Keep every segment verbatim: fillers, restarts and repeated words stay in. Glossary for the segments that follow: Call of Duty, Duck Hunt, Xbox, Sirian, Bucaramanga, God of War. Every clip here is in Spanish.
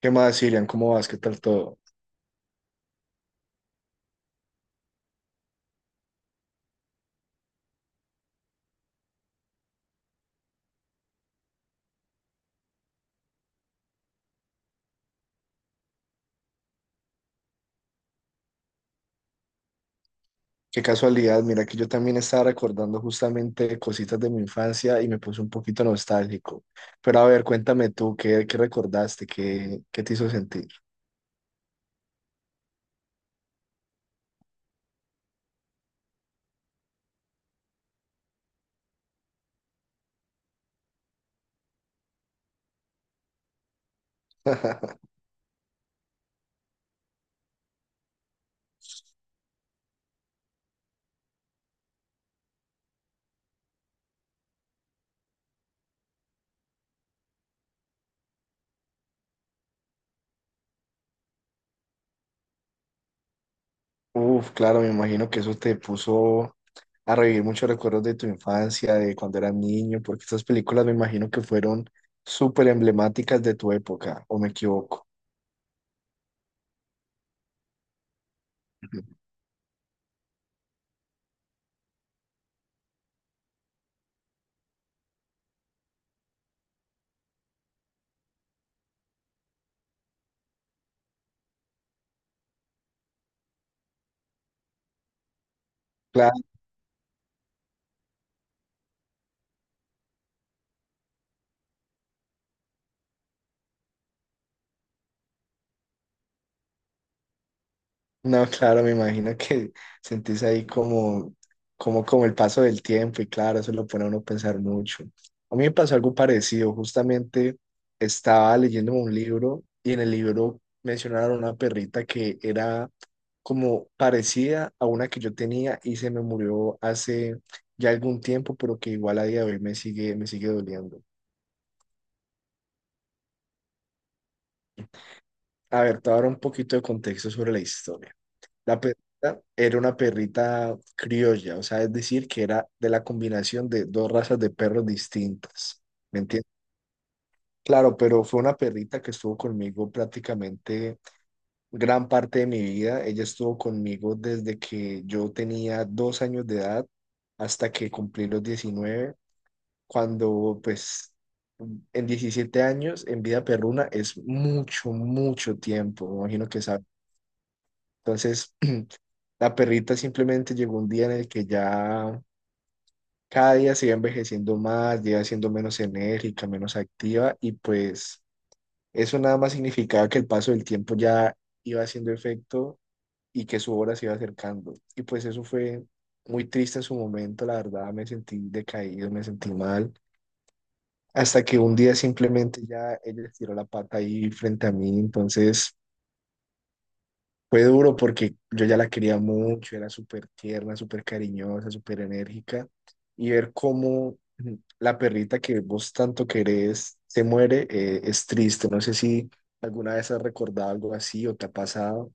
¿Qué más, Sirian? ¿Cómo vas? ¿Qué tal todo? Qué casualidad, mira que yo también estaba recordando justamente cositas de mi infancia y me puse un poquito nostálgico. Pero a ver, cuéntame tú, ¿qué, qué recordaste? ¿Qué, qué te hizo sentir? Uf, claro, me imagino que eso te puso a revivir muchos recuerdos de tu infancia, de cuando eras niño, porque estas películas me imagino que fueron súper emblemáticas de tu época, ¿o me equivoco? No, claro, me imagino que sentís ahí como, como, como el paso del tiempo y claro, eso lo pone a uno a pensar mucho. A mí me pasó algo parecido, justamente estaba leyendo un libro y en el libro mencionaron una perrita que era como parecida a una que yo tenía y se me murió hace ya algún tiempo, pero que igual a día de hoy me sigue, me sigue doliendo. A ver, te voy a dar un poquito de contexto sobre la historia. La perrita era una perrita criolla, o sea, es decir, que era de la combinación de dos razas de perros distintas. ¿Me entiendes? Claro, pero fue una perrita que estuvo conmigo prácticamente gran parte de mi vida. Ella estuvo conmigo desde que yo tenía dos años de edad hasta que cumplí los diecinueve, cuando pues en diecisiete años en vida perruna es mucho, mucho tiempo, me imagino que sabes. Entonces, la perrita simplemente llegó un día en el que ya cada día se iba envejeciendo más, ya iba siendo menos enérgica, menos activa y pues eso nada más significaba que el paso del tiempo ya iba haciendo efecto y que su hora se iba acercando. Y pues eso fue muy triste en su momento, la verdad me sentí decaído, me sentí mal, hasta que un día simplemente ya ella estiró la pata ahí frente a mí, entonces fue duro porque yo ya la quería mucho, era súper tierna, súper cariñosa, súper enérgica. Y ver cómo mm, la perrita que vos tanto querés se muere, eh, es triste. No sé si alguna vez has recordado algo así o te ha pasado.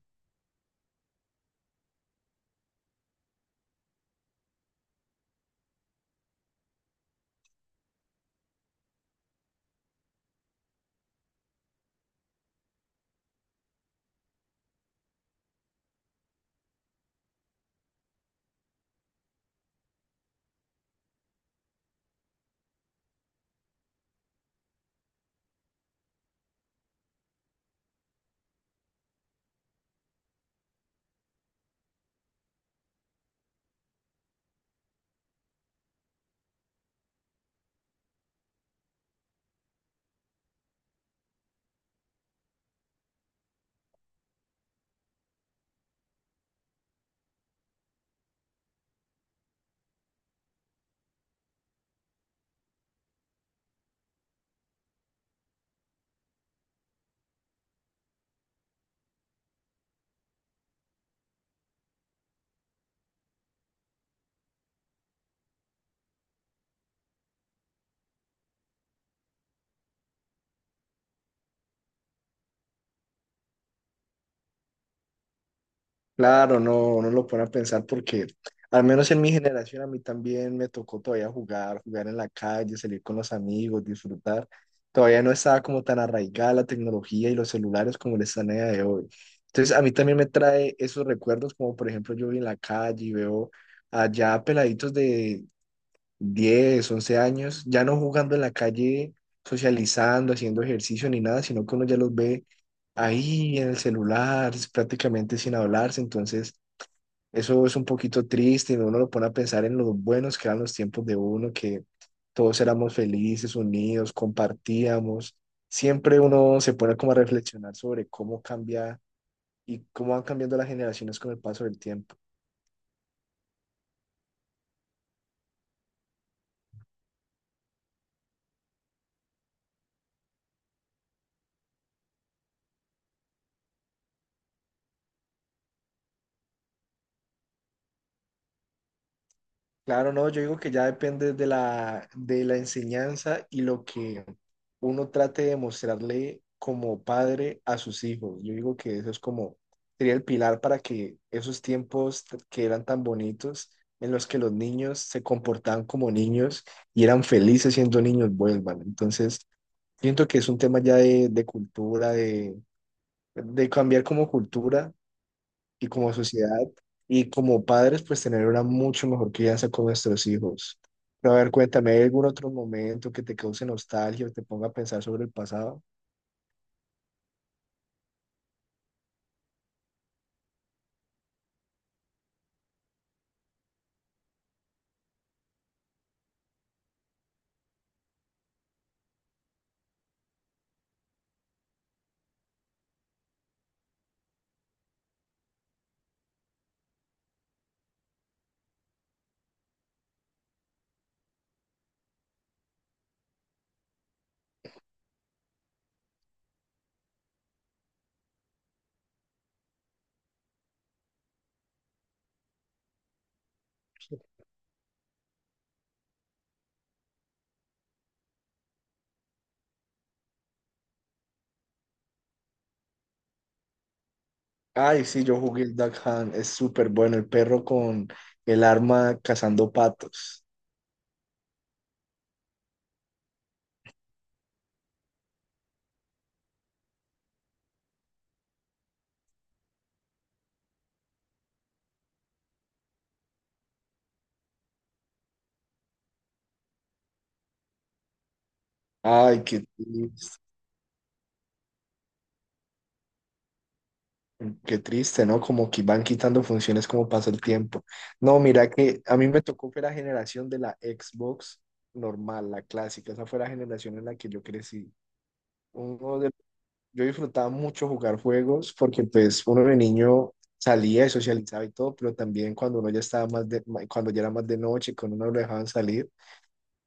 Claro, no, no lo pone a pensar porque al menos en mi generación a mí también me tocó todavía jugar, jugar en la calle, salir con los amigos, disfrutar. Todavía no estaba como tan arraigada la tecnología y los celulares como lo están a día de hoy. Entonces a mí también me trae esos recuerdos como por ejemplo yo voy en la calle y veo allá peladitos de diez, once años, ya no jugando en la calle, socializando, haciendo ejercicio ni nada, sino que uno ya los ve ahí en el celular, es prácticamente sin hablarse. Entonces, eso es un poquito triste y uno lo pone a pensar en los buenos que eran los tiempos de uno, que todos éramos felices, unidos, compartíamos. Siempre uno se pone como a reflexionar sobre cómo cambia y cómo van cambiando las generaciones con el paso del tiempo. Claro, no, yo digo que ya depende de la, de la enseñanza y lo que uno trate de mostrarle como padre a sus hijos. Yo digo que eso es como, sería el pilar para que esos tiempos que eran tan bonitos, en los que los niños se comportaban como niños y eran felices siendo niños, vuelvan. Entonces, siento que es un tema ya de, de cultura, de, de cambiar como cultura y como sociedad y como padres, pues tener una mucho mejor crianza con nuestros hijos. Pero a ver, cuéntame, ¿hay algún otro momento que te cause nostalgia o te ponga a pensar sobre el pasado? Ay, sí, yo jugué el Duck Hunt, es súper bueno, el perro con el arma cazando patos. Ay, qué triste, qué triste, ¿no? Como que van quitando funciones como pasa el tiempo. No, mira que a mí me tocó fue la generación de la Xbox normal, la clásica, esa fue la generación en la que yo crecí. Uno de yo disfrutaba mucho jugar juegos porque pues uno de niño salía y socializaba y todo, pero también cuando uno ya estaba más de, ma- cuando ya era más de noche, cuando uno lo dejaban salir,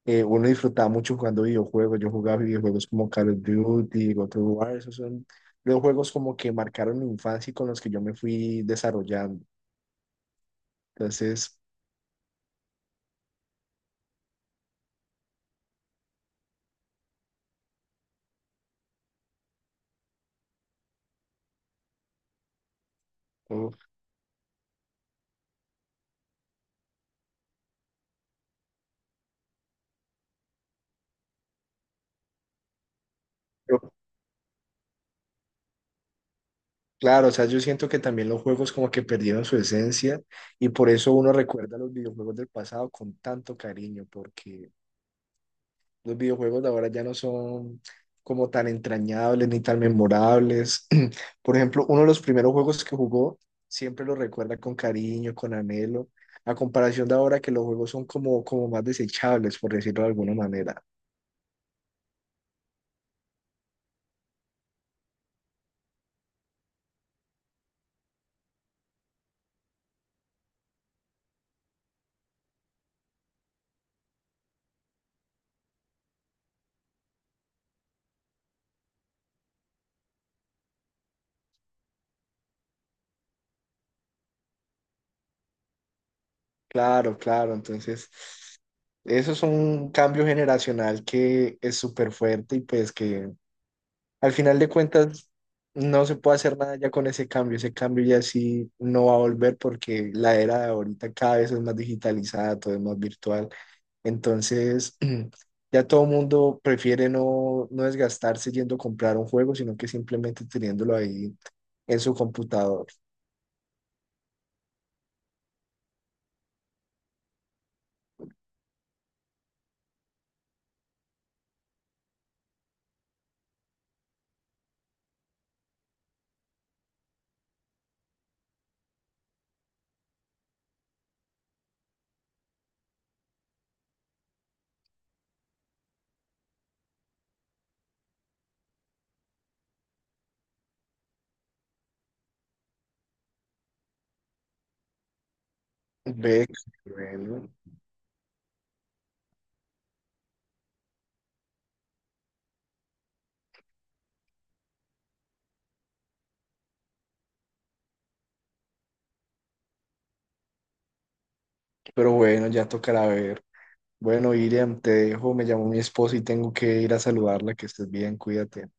eh, uno disfrutaba mucho jugando videojuegos. Yo jugaba videojuegos como Call of Duty, God of War, esos son los juegos como que marcaron mi infancia y con los que yo me fui desarrollando. Entonces, uf, yo- claro, o sea, yo siento que también los juegos como que perdieron su esencia y por eso uno recuerda los videojuegos del pasado con tanto cariño, porque los videojuegos de ahora ya no son como tan entrañables ni tan memorables. Por ejemplo, uno de los primeros juegos que jugó siempre lo recuerda con cariño, con anhelo, a comparación de ahora que los juegos son como, como más desechables, por decirlo de alguna manera. Claro, claro, entonces eso es un cambio generacional que es súper fuerte y pues que al final de cuentas, no se puede hacer nada ya con ese cambio. Ese cambio ya sí no va a volver porque la era de ahorita cada vez es más digitalizada, todo es más virtual. Entonces, ya todo el mundo prefiere no, no desgastarse yendo a comprar un juego, sino que simplemente teniéndolo ahí en su computador. Ve, bueno, pero bueno, ya tocará ver. Bueno, Iriam, te dejo, me llamó mi esposa y tengo que ir a saludarla, que estés bien, cuídate.